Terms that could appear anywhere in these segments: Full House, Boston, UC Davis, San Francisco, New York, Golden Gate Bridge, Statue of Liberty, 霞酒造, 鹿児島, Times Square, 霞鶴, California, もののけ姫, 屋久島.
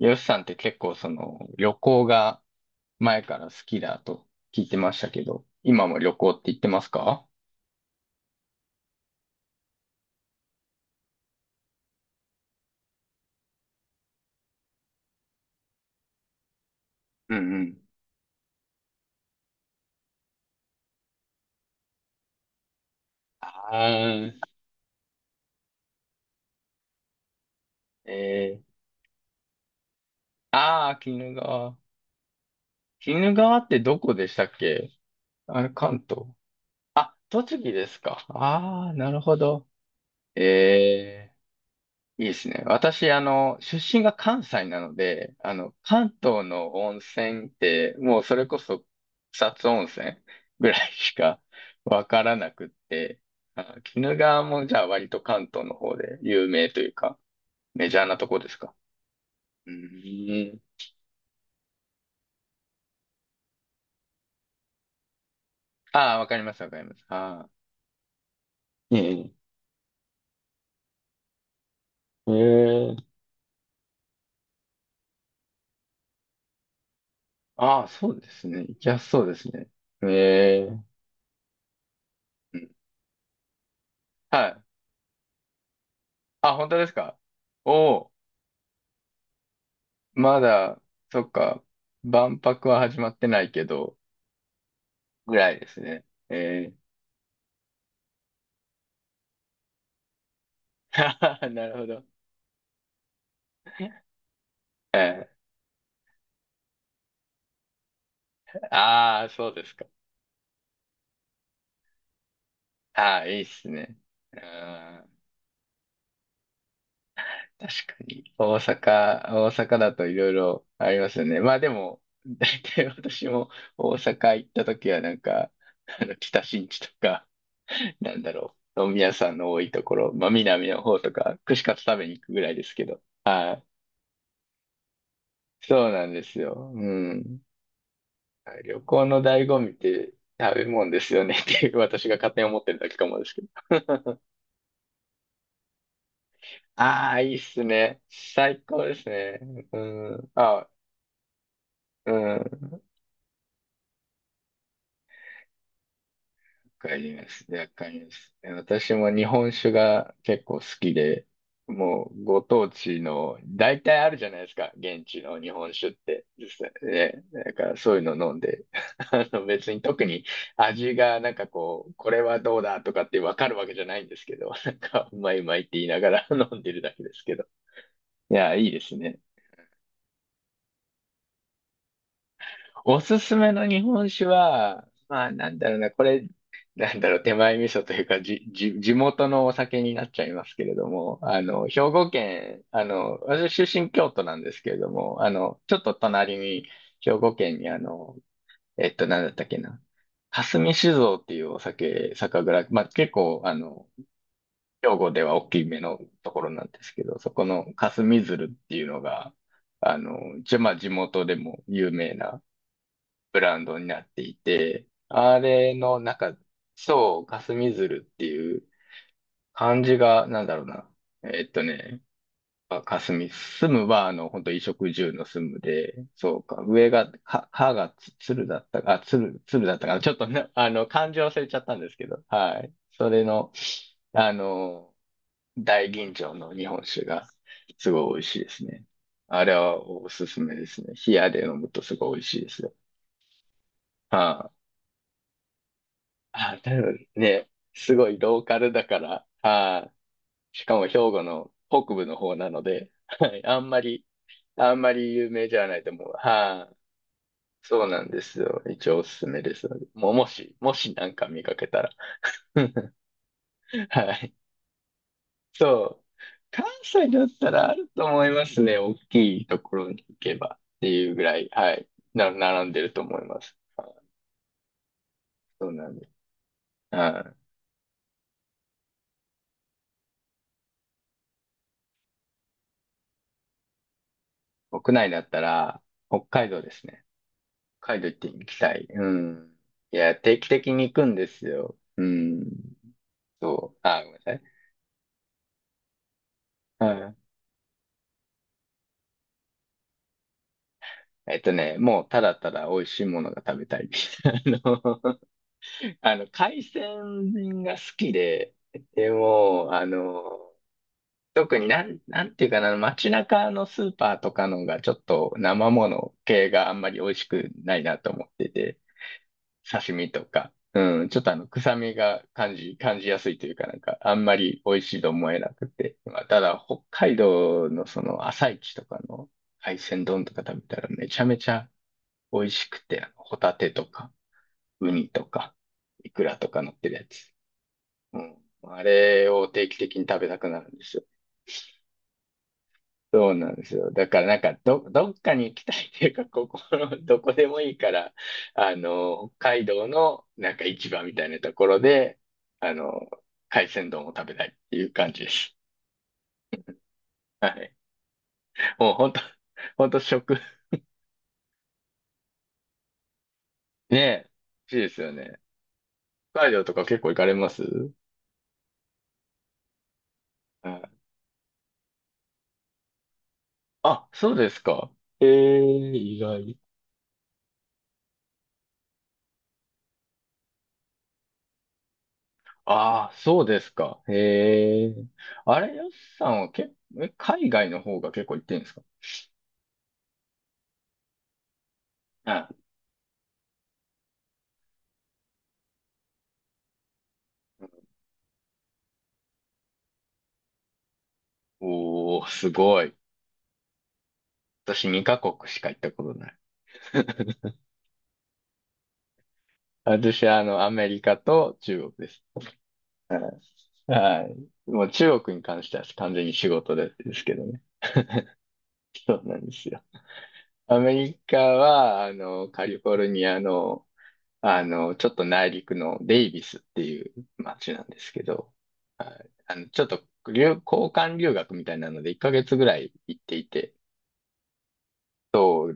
ヨシさんって結構その旅行が前から好きだと聞いてましたけど、今も旅行って言ってますか？うんうん。ああ、えー、ああ、鬼怒川。鬼怒川ってどこでしたっけ？あれ、関東。あ、栃木ですか。ああー、なるほど。ええ。いいですね。私、出身が関西なので、関東の温泉って、もうそれこそ草津温泉ぐらいしかわからなくって、あ、鬼怒川もじゃあ割と関東の方で有名というか、メジャーなとこですか？うーん。ああ、わかります、わかります。ああ。ええ。ええ。ああ、そうですね。行きやすそうですね。ええ。うん。はい。あ、本当ですか？おおー。まだ、そっか、万博は始まってないけど、ぐらいですね。なるほど。えああ、そうですか。ああ、いいっすね。うん。確かに、大阪だといろいろありますよね。まあでも、大体私も大阪行った時はなんか、北新地とか、なんだろう、飲み屋さんの多いところ、まあ南の方とか、串カツ食べに行くぐらいですけど。はい。そうなんですよ。うん。旅行の醍醐味って食べ物ですよねっていう私が勝手に思ってるだけかもですけど。ああ、いいっすね。最高ですね。うん。あ、うん。かります。わかります。私も日本酒が結構好きで、もうご当地の、大体あるじゃないですか、現地の日本酒って。実際ね。だからそういうの飲んで、別に特に味がなんかこう、これはどうだとかってわかるわけじゃないんですけど、なんかうまいうまいって言いながら 飲んでるだけですけど。いや、いいですね。おすすめの日本酒は、まあなんだろうな、これ、なんだろう、手前味噌というか、地元のお酒になっちゃいますけれども、兵庫県、私出身京都なんですけれども、ちょっと隣に、兵庫県になんだったっけな、霞酒造っていうお酒、酒蔵、まあ結構、兵庫では大きめのところなんですけど、そこの霞鶴っていうのが、一応まあ地元でも有名な、ブランドになっていて、あれの、なんか、そう、霞鶴っていう漢字が、なんだろうな。えっとね、あ霞、住むは、本当衣食住の住むで、そうか、上が、かがつ鶴だったか、あ、鶴だったかな。ちょっとね、漢字忘れちゃったんですけど、はい。それの、あの、大吟醸の日本酒が、すごい美味しいですね。あれはおすすめですね。冷やで飲むとすごい美味しいですよ。はい。あ、多分ね、すごいローカルだから、はい。しかも兵庫の北部の方なので、はい。あんまり有名じゃないと思う。はい。そうなんですよ。一応おすすめです。もう、もしなんか見かけたら。はい。そう。関西だったらあると思いますね。大きいところに行けばっていうぐらい、はい。並んでると思います。はい。そうなんです。はい。国内だったら、北海道ですね。カ海道行って行きたい。うん。いや、定期的に行くんですよ。うん。そう。あ、ごめんなさい。はい。もうただただ美味しいものが食べたい。あの、海鮮が好きで、でも、特になんていうかな、街中のスーパーとかのがちょっと生もの系があんまり美味しくないなと思ってて。刺身とか、うん、ちょっと臭みが感じやすいというか、なんか、あんまり美味しいと思えなくて。まあ、ただ、北海道の朝市とかの海鮮丼とか食べたらめちゃめちゃ美味しくて、あのホタテとか、ウニとか、イクラとか乗ってるやつ。うん。あれを定期的に食べたくなるんですよ。そうなんですよ。だからなんかどっかに行きたいっていうか、ここ、のどこでもいいから、北海道のなんか市場みたいなところで、あの、海鮮丼を食べたいっていう感じです。はい。もう本当、本当食、ねえ、美味しいですよね。北海道とか結構行かれます？はい。あ、そうですか。ええ、意外。ああ、そうですか。ええ。あれ、よしさんは結構、海外の方が結構行ってるんですか？はい。おー、すごい。私2カ国しか行ったことない。私はアメリカと中国です。はいはい。もう中国に関しては完全に仕事でですけどね。そうなんですよ。アメリカは、カリフォルニアの、ちょっと内陸のデイビスっていう街なんですけど、はい。ちょっと交換留学みたいなので1ヶ月ぐらい行っていて、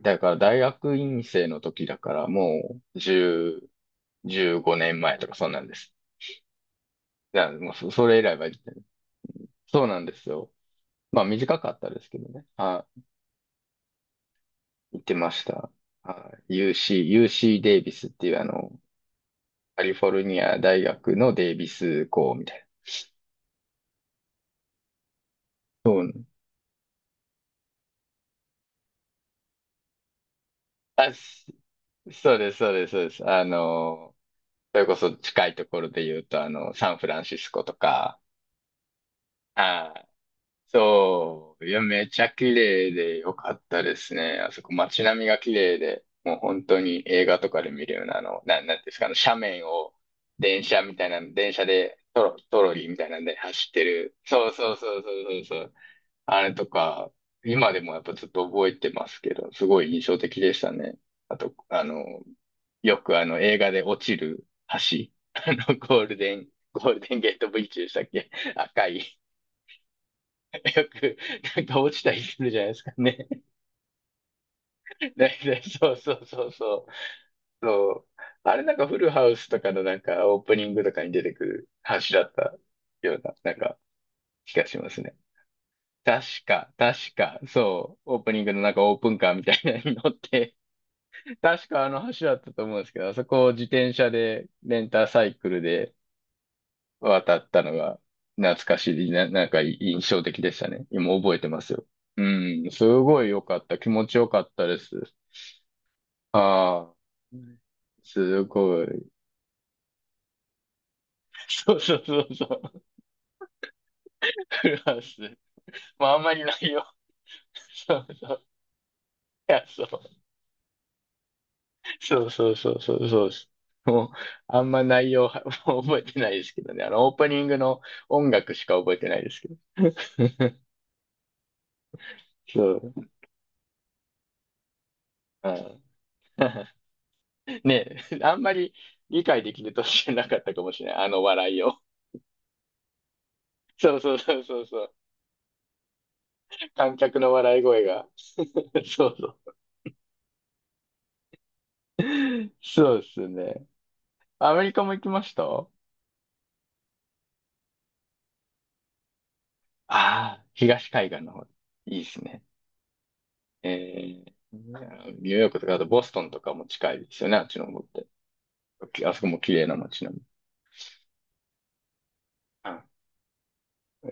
だから大学院生の時だからもう10、15年前とかそんなんです。いや、もうそれ以来は行ってない。そうなんですよ。まあ短かったですけどね。はい。行ってました。はい。UC、UC デイビスっていうカリフォルニア大学のデイビス校みたいな。そう。あ、しそうです、そうです、そうです。それこそ近いところで言うと、サンフランシスコとか、はい。そう。いや、めちゃ綺麗でよかったですね。あそこ街並みが綺麗で、もう本当に映画とかで見るような、なんていうんですか、斜面を電車みたいな、電車でトロリーみたいなんで走ってる。そうそうそうそうそうそう。あれとか、今でもやっぱずっと覚えてますけど、すごい印象的でしたね。あと、よく映画で落ちる橋。ゴールデンゲートブリッジでしたっけ？赤い。よく、なんか落ちたりするじゃないですかね。だいたいそうそうそうそう。そう。あれなんかフルハウスとかのなんかオープニングとかに出てくる話だったような、なんか気がしますね。確か、そう、オープニングのなんかオープンカーみたいなのに乗って、確かあの橋だったと思うんですけど、あそこを自転車で、レンタサイクルで渡ったのが懐かしい、なんか印象的でしたね。今覚えてますよ。うん、すごい良かった。気持ちよかったです。ああ、すごい。そうそうそうそう。フランス。まあ、あんまりないよ。そうそう。いや、そう。そうそうそうそうそうです。もう、あんま内容は、もう覚えてないですけどね。オープニングの音楽しか覚えてないですけど。そう。うん。ねえ、あんまり理解できる年じゃなかったかもしれない。あの笑いを。そうそうそうそうそう。観客の笑い声が。そうそう。そうですね。アメリカも行きました？ああ、東海岸の方。いいですね。えニューヨークとか、あとボストンとかも近いですよね、あっちの方って。あそこも綺麗な街並み。うん。え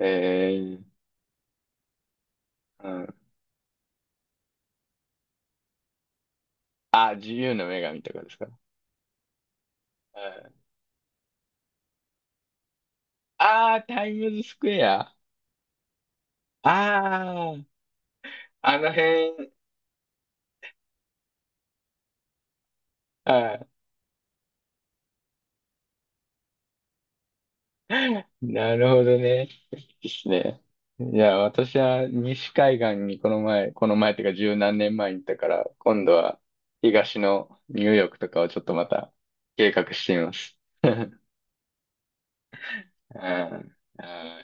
ー、うん。あ、自由の女神とかですか。うん、ああ、タイムズスクエア。ああ、あの辺。はい。なるほどね。ですね。いや、私は西海岸にこの前、この前っていうか十何年前に行ったから、今度は東のニューヨークとかをちょっとまた計画してみます。うんうん